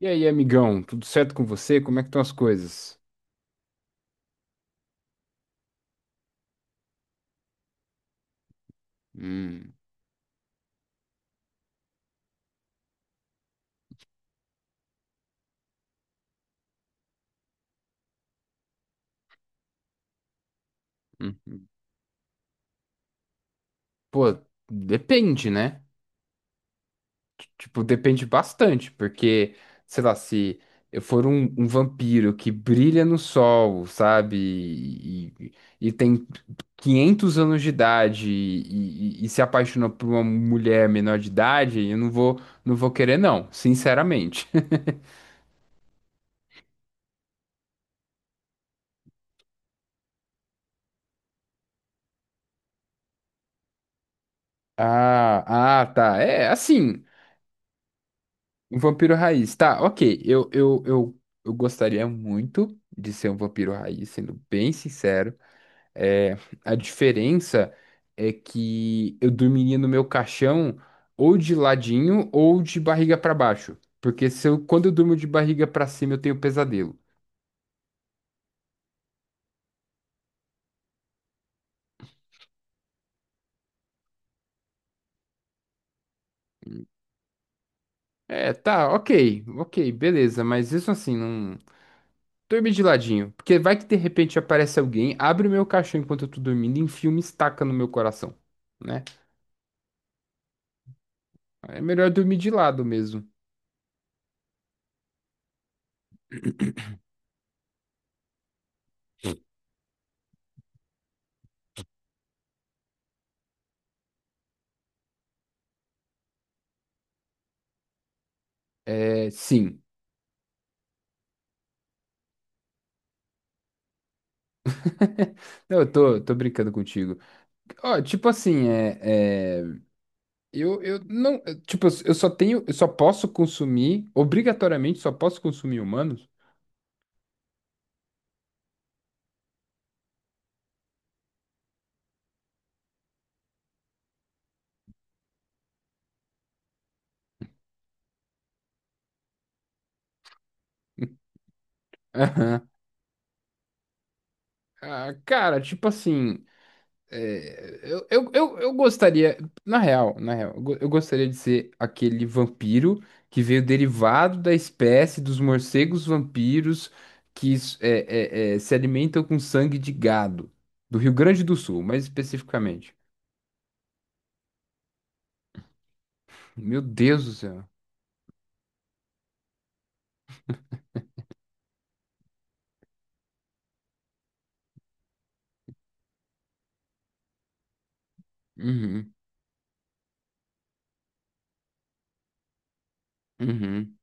E aí, amigão, tudo certo com você? Como é que estão as coisas? Hum, hum, hum. Pô, depende, né? Tipo, depende bastante, porque, sei lá, se eu for um vampiro que brilha no sol, sabe? E tem 500 anos de idade e se apaixona por uma mulher menor de idade, eu não vou querer, não, sinceramente. Tá, é assim. Um vampiro raiz. Tá, ok. Eu gostaria muito de ser um vampiro raiz, sendo bem sincero. É, a diferença é que eu dormiria no meu caixão ou de ladinho ou de barriga pra baixo. Porque se eu, quando eu durmo de barriga pra cima, eu tenho pesadelo. É, tá, ok, beleza, mas isso assim, não. Dormir de ladinho, porque vai que de repente aparece alguém, abre o meu caixão enquanto eu tô dormindo e enfia uma estaca no meu coração, né? É melhor dormir de lado mesmo. É, sim. Não, tô brincando contigo. Ó, tipo assim, é, é, eu não, é, tipo, eu só posso consumir, obrigatoriamente, só posso consumir humanos. Aham. Ah, cara, tipo assim, eu gostaria, na real, eu gostaria de ser aquele vampiro que veio derivado da espécie dos morcegos vampiros que é, se alimentam com sangue de gado, do Rio Grande do Sul, mais especificamente. Meu Deus do céu. Uhum, uhum.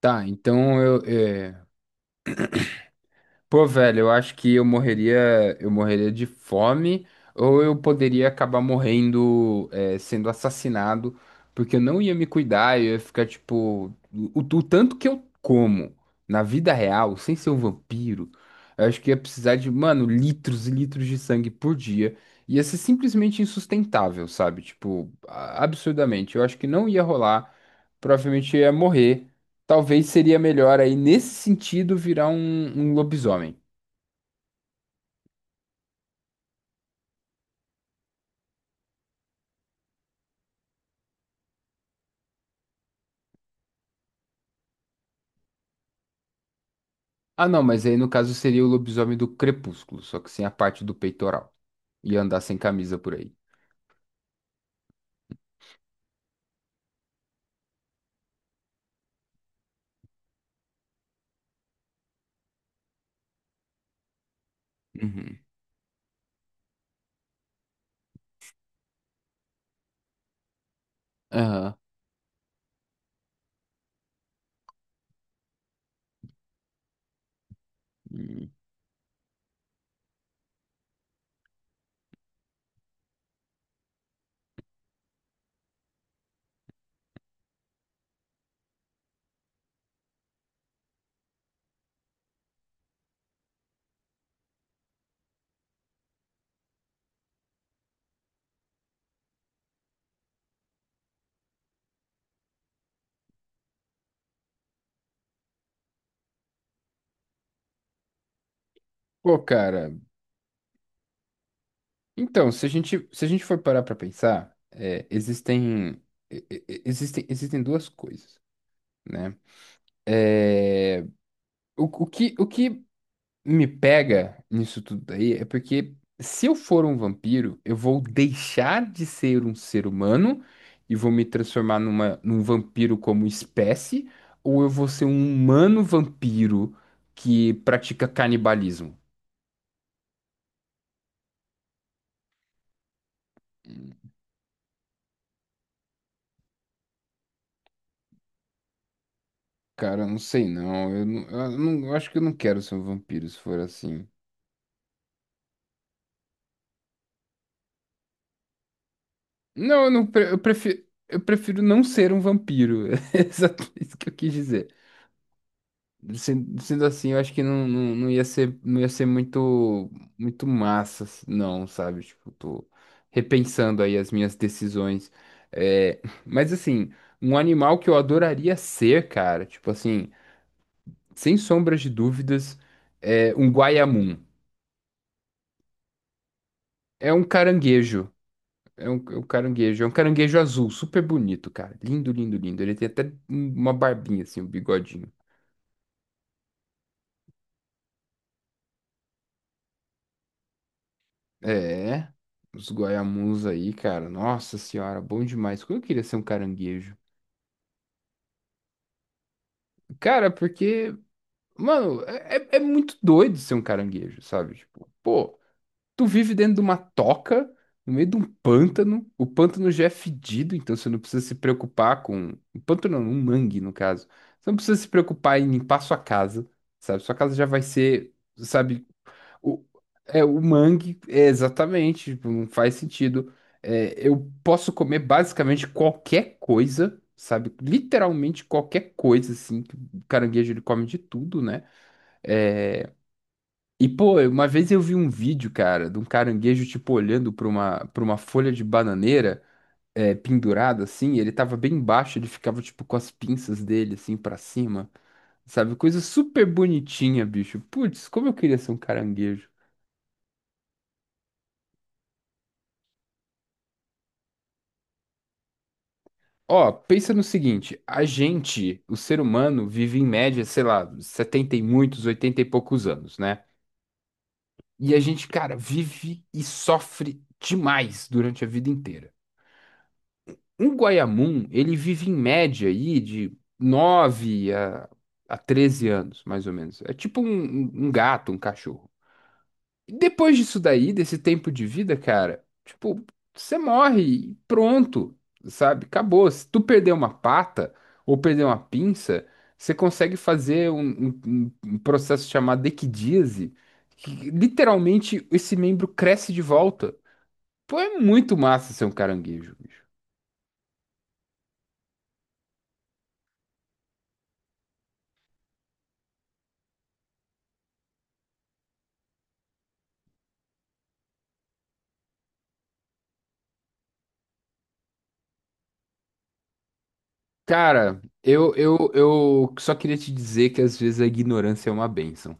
Tá, então eu. Pô, velho, eu acho que eu morreria de fome, ou eu poderia acabar morrendo, é, sendo assassinado, porque eu não ia me cuidar, eu ia ficar, tipo, o tanto que eu como na vida real, sem ser um vampiro, eu acho que ia precisar de, mano, litros e litros de sangue por dia. Ia ser simplesmente insustentável, sabe? Tipo, absurdamente. Eu acho que não ia rolar. Provavelmente eu ia morrer. Talvez seria melhor aí, nesse sentido, virar um lobisomem. Ah, não, mas aí no caso seria o lobisomem do Crepúsculo, só que sem a parte do peitoral. E andar sem camisa por aí. Uhum. Aham. Hum. Pô, cara. Então, se a gente for parar pra pensar, é, existem, e- existem, existem duas coisas, né? O que me pega nisso tudo daí é porque, se eu for um vampiro, eu vou deixar de ser um ser humano e vou me transformar num vampiro como espécie, ou eu vou ser um humano vampiro que pratica canibalismo? Cara, eu não sei não. Eu acho que eu não quero ser um vampiro se for assim. Não, eu não, pre- eu prefiro não ser um vampiro. É exatamente isso que eu quis dizer. Sendo assim, eu acho que não ia ser, muito massa, assim, não, sabe? Tipo, tô repensando aí as minhas decisões. É, mas assim, um animal que eu adoraria ser, cara, tipo assim, sem sombras de dúvidas, é um guaiamum. É um caranguejo. É um caranguejo, é um caranguejo azul, super bonito, cara. Lindo, lindo, lindo. Ele tem até uma barbinha, assim, um bigodinho. É, os guaiamuns aí, cara. Nossa senhora, bom demais. Como eu queria ser um caranguejo. Cara, porque, mano, é muito doido ser um caranguejo, sabe? Tipo, pô, tu vive dentro de uma toca, no meio de um pântano. O pântano já é fedido, então você não precisa se preocupar com. Um pântano não, um mangue, no caso. Você não precisa se preocupar em limpar sua casa, sabe? Sua casa já vai ser, sabe, O, o mangue, é exatamente, tipo, não faz sentido. É, eu posso comer basicamente qualquer coisa, sabe? Literalmente qualquer coisa, assim. Que O caranguejo, ele come de tudo, né? É, E, pô, uma vez eu vi um vídeo, cara, de um caranguejo, tipo, olhando pra uma folha de bananeira, é, pendurada, assim. Ele tava bem baixo, ele ficava, tipo, com as pinças dele, assim, pra cima. Sabe? Coisa super bonitinha, bicho. Putz, como eu queria ser um caranguejo. Ó, pensa no seguinte, a gente, o ser humano, vive em média, sei lá, 70 e muitos, 80 e poucos anos, né? E a gente, cara, vive e sofre demais durante a vida inteira. Um guaiamum, ele vive em média aí de 9 a 13 anos, mais ou menos. É tipo um um gato, um cachorro. Depois disso daí, desse tempo de vida, cara, tipo, você morre e pronto, sabe? Acabou. Se tu perder uma pata ou perder uma pinça, você consegue fazer um processo chamado equidíase, que literalmente esse membro cresce de volta. Pô, é muito massa ser um caranguejo, bicho. Cara, eu só queria te dizer que às vezes a ignorância é uma bênção.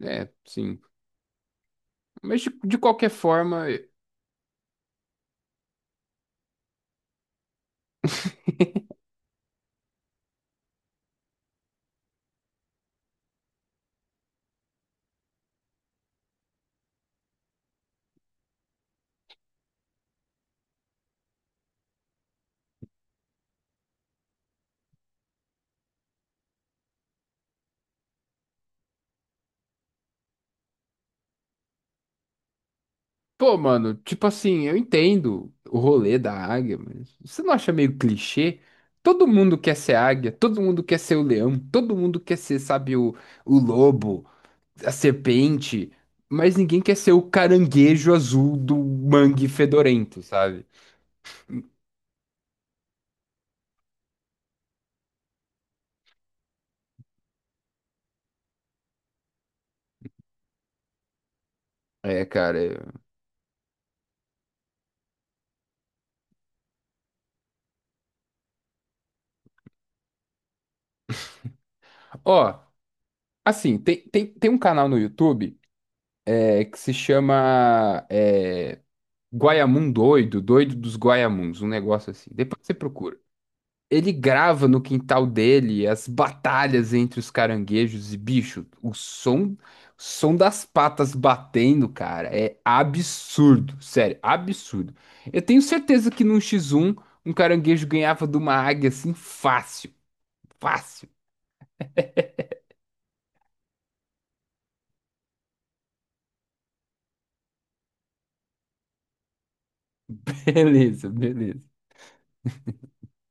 É, sim. Mas de qualquer forma. Pô, mano, tipo assim, eu entendo o rolê da águia, mas você não acha meio clichê? Todo mundo quer ser águia, todo mundo quer ser o leão, todo mundo quer ser, sabe, o lobo, a serpente, mas ninguém quer ser o caranguejo azul do mangue fedorento, sabe? É, cara. é- Ó, assim, tem um canal no YouTube que se chama Guaiamum Doido, Doido dos Guaiamuns, um negócio assim. Depois você procura. Ele grava no quintal dele as batalhas entre os caranguejos e bicho, o som das patas batendo, cara, é absurdo, sério, absurdo. Eu tenho certeza que num X1 um caranguejo ganhava de uma águia assim fácil, fácil. Beleza, beleza.